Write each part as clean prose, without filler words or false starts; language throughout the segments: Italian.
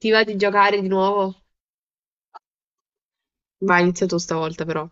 Ti va di giocare di nuovo? Vai, inizia tu stavolta però.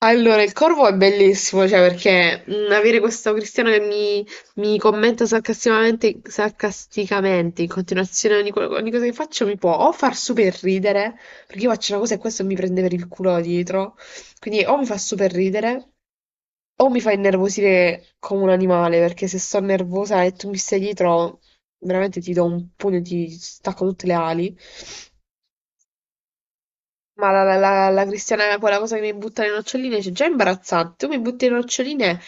Allora, il corvo è bellissimo, cioè perché avere questo cristiano che mi commenta sarcasticamente, sarcasticamente in continuazione ogni cosa che faccio mi può o far super ridere, perché io faccio una cosa e questo mi prende per il culo dietro, quindi o mi fa super ridere o mi fa innervosire come un animale, perché se sto nervosa e tu mi stai dietro, veramente ti do un pugno, e ti stacco tutte le ali. Ma la Cristiana, quella cosa che mi butta le noccioline, c'è già è imbarazzante. Tu mi butti le noccioline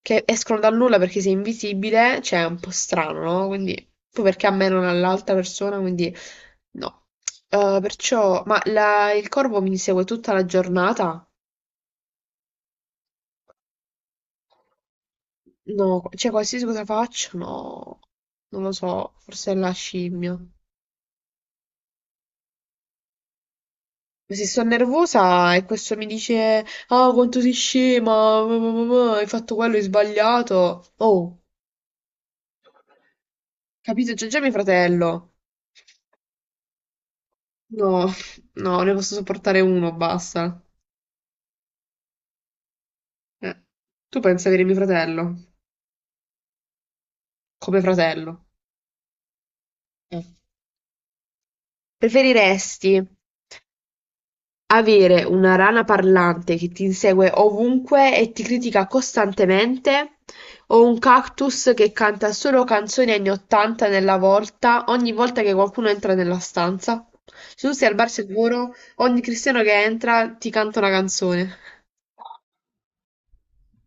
che escono dal nulla perché sei invisibile, cioè è un po' strano, no? Quindi, poi perché a me non all'altra persona, quindi no. Perciò, il corvo mi segue tutta la giornata? No, cioè qualsiasi cosa faccio, no. Non lo so, forse è la scimmia. Se sto nervosa e questo mi dice, ah, quanto sei scema, hai fatto quello, hai sbagliato. Oh. Capito? C'è già mio fratello. No, no, ne posso sopportare uno, basta. Eh. Tu pensi avere mio fratello? Come fratello? Eh. Preferiresti avere una rana parlante che ti insegue ovunque e ti critica costantemente, o un cactus che canta solo canzoni anni 80 nella volta, ogni volta che qualcuno entra nella stanza? Se tu sei al bar sicuro, ogni cristiano che entra ti canta una canzone.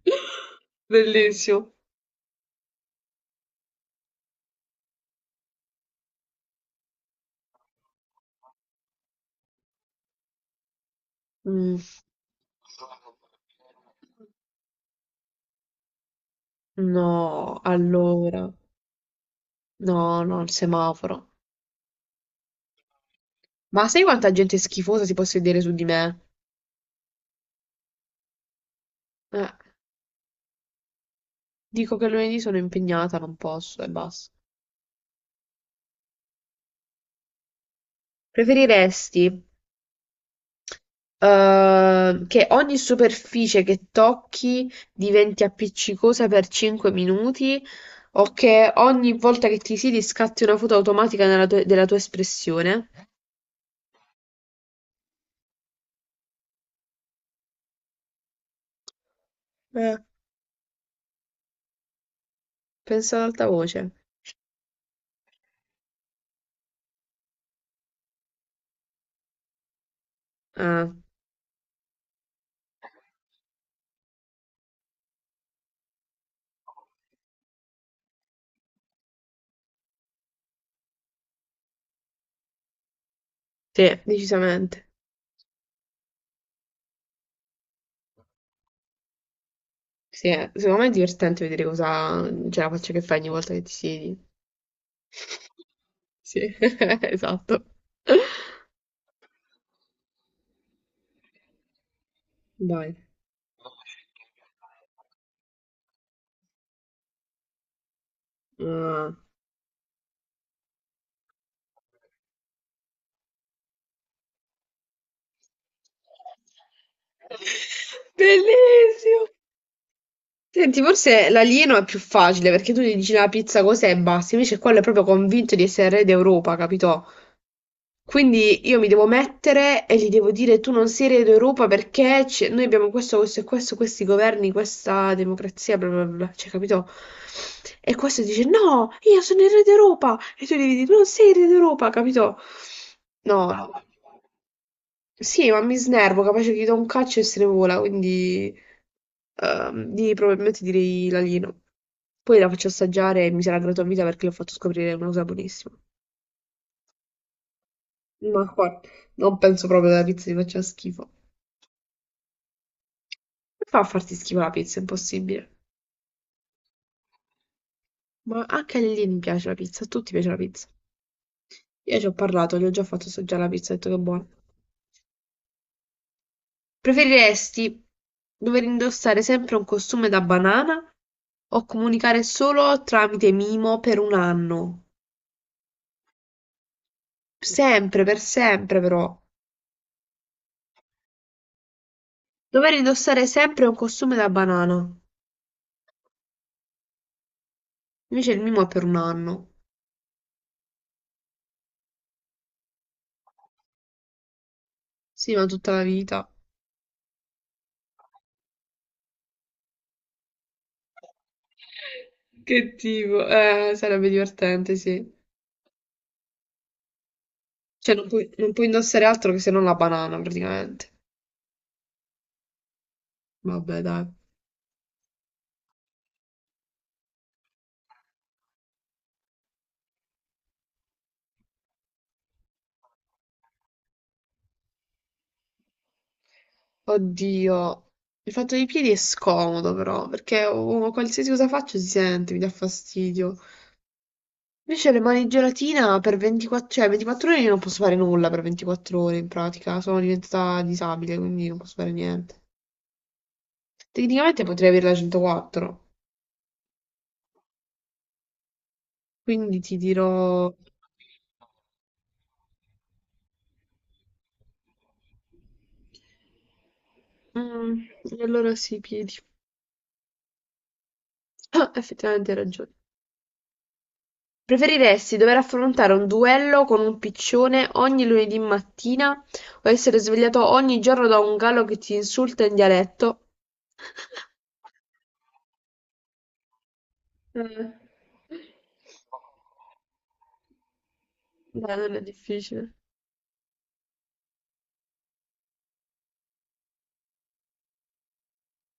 Bellissimo. Mm, no, allora. No, no, il semaforo. Ma sai quanta gente schifosa si può sedere su di me? Eh, Dico che lunedì sono impegnata, non posso e basta. Preferiresti che ogni superficie che tocchi diventi appiccicosa per 5 minuti o che ogni volta che ti siedi scatti una foto automatica della tua espressione? Eh, Pensa ad alta voce. Ah, sì, decisamente. Sì, secondo me è divertente vedere cosa c'è la faccia che fai ogni volta che ti siedi. Sì, esatto. Dai. Ah. Bellissimo. Senti, forse l'alieno è più facile perché tu gli dici "No, la pizza cos'è e basta, invece quello è proprio convinto di essere re d'Europa, capito? Quindi io mi devo mettere e gli devo dire tu non sei re d'Europa perché noi abbiamo questo, questo e questo, questi governi, questa democrazia, bla bla bla, cioè capito? E questo dice no, io sono il re d'Europa e tu devi dire non sei il re d'Europa, capito? No, no. Sì, ma mi snervo, capace che gli do un calcio e se ne vola, quindi probabilmente direi l'alieno. Poi la faccio assaggiare e mi sarà grata a vita perché l'ho fatto scoprire una cosa buonissima. Ma qua non penso proprio che la pizza gli faccia schifo. Come fa a farti schifo la pizza? È impossibile. Ma anche a Lilini piace la pizza, a tutti piace la pizza. Io ci ho parlato, gli ho già fatto assaggiare la pizza, ho detto che è buona. Preferiresti dover indossare sempre un costume da banana o comunicare solo tramite mimo per un anno? Sempre, per sempre però. Dover indossare sempre un costume da banana. Invece il mimo è per un anno. Sì, ma tutta la vita. Che tipo, sarebbe divertente, sì. Cioè, non puoi indossare altro che se non la banana, praticamente. Vabbè, dai. Oddio, il fatto dei piedi è scomodo, però, perché oh, qualsiasi cosa faccio si sente, mi dà fastidio. Invece le mani in gelatina per 24, cioè 24 ore io non posso fare nulla per 24 ore, in pratica. Sono diventata disabile, quindi non posso fare niente. Tecnicamente potrei avere la 104, quindi ti dirò... Mm, allora sì, piedi. Ah, effettivamente hai ragione. Preferiresti dover affrontare un duello con un piccione ogni lunedì mattina o essere svegliato ogni giorno da un gallo che ti insulta in dialetto? Eh, Dai, non è difficile.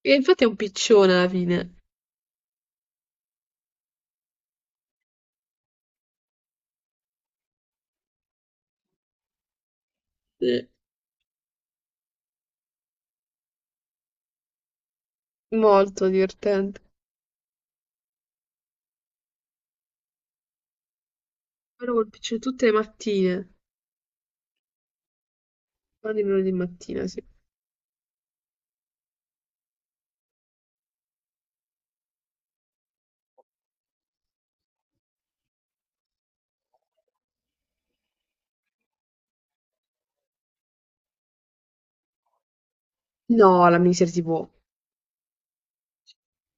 E infatti è un piccione alla fine. Sì. Molto divertente. Però col piccione tutte le mattine. Ogni lunedì mattina, sì. No, la miniserie TV.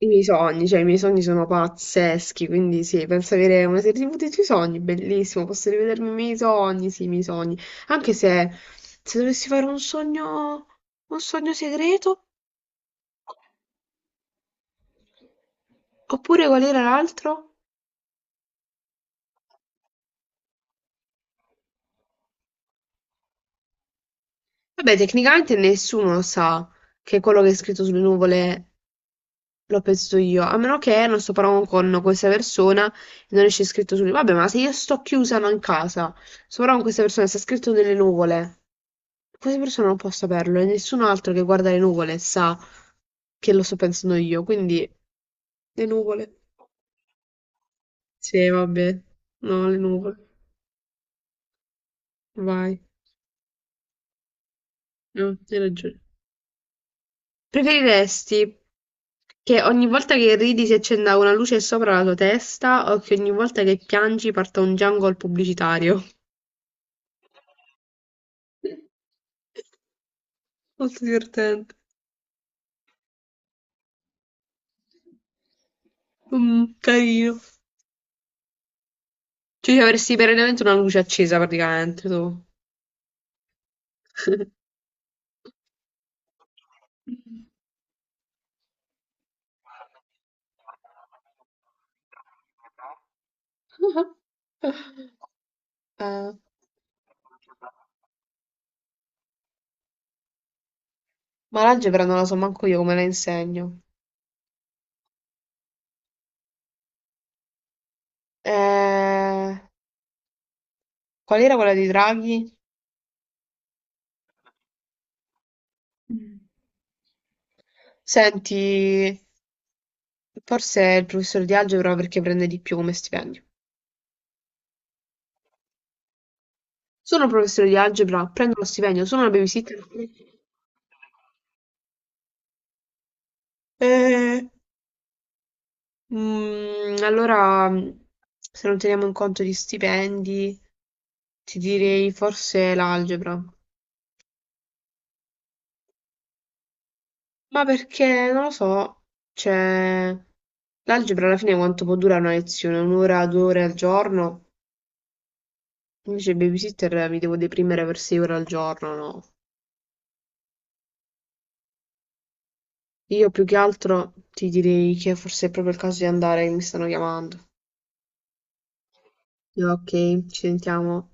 I miei sogni, cioè i miei sogni sono pazzeschi, quindi sì, penso avere una serie TV dei tuoi sogni, bellissimo, posso rivedermi i miei sogni, sì, i miei sogni, anche se dovessi fare un sogno segreto, oppure qual era l'altro? Vabbè, tecnicamente nessuno sa che quello che è scritto sulle nuvole lo penso io, a meno che non sto parlando con questa persona e non esce scritto su. Vabbè, ma se io sto chiusa non in casa, sto parlando con questa persona e sta scritto nelle nuvole, questa persona non può saperlo e nessun altro che guarda le nuvole sa che lo sto pensando io, quindi le nuvole. Sì, vabbè, no, le nuvole. Vai, no, hai ragione. Preferiresti che ogni volta che ridi si accenda una luce sopra la tua testa o che ogni volta che piangi parta un jungle pubblicitario? Molto divertente. Carino. Cioè, ci avresti perennemente una luce accesa praticamente tu. Eh, ma l'algebra non la so manco io come la insegno. Eh, Qual era quella di Draghi? Mm. Senti, forse è il professore di algebra perché prende di più come stipendio. Sono professore di algebra, prendo lo stipendio, sono una babysitter. Eh, allora, se non teniamo in conto gli stipendi, ti direi forse l'algebra. Ma perché, non lo so, cioè, l'algebra alla fine quanto può durare una lezione? Un'ora, 2 ore al giorno? Invece il babysitter mi devo deprimere per 6 ore al giorno, no? Io più che altro ti direi che forse è proprio il caso di andare, che mi stanno chiamando. Ok, ci sentiamo.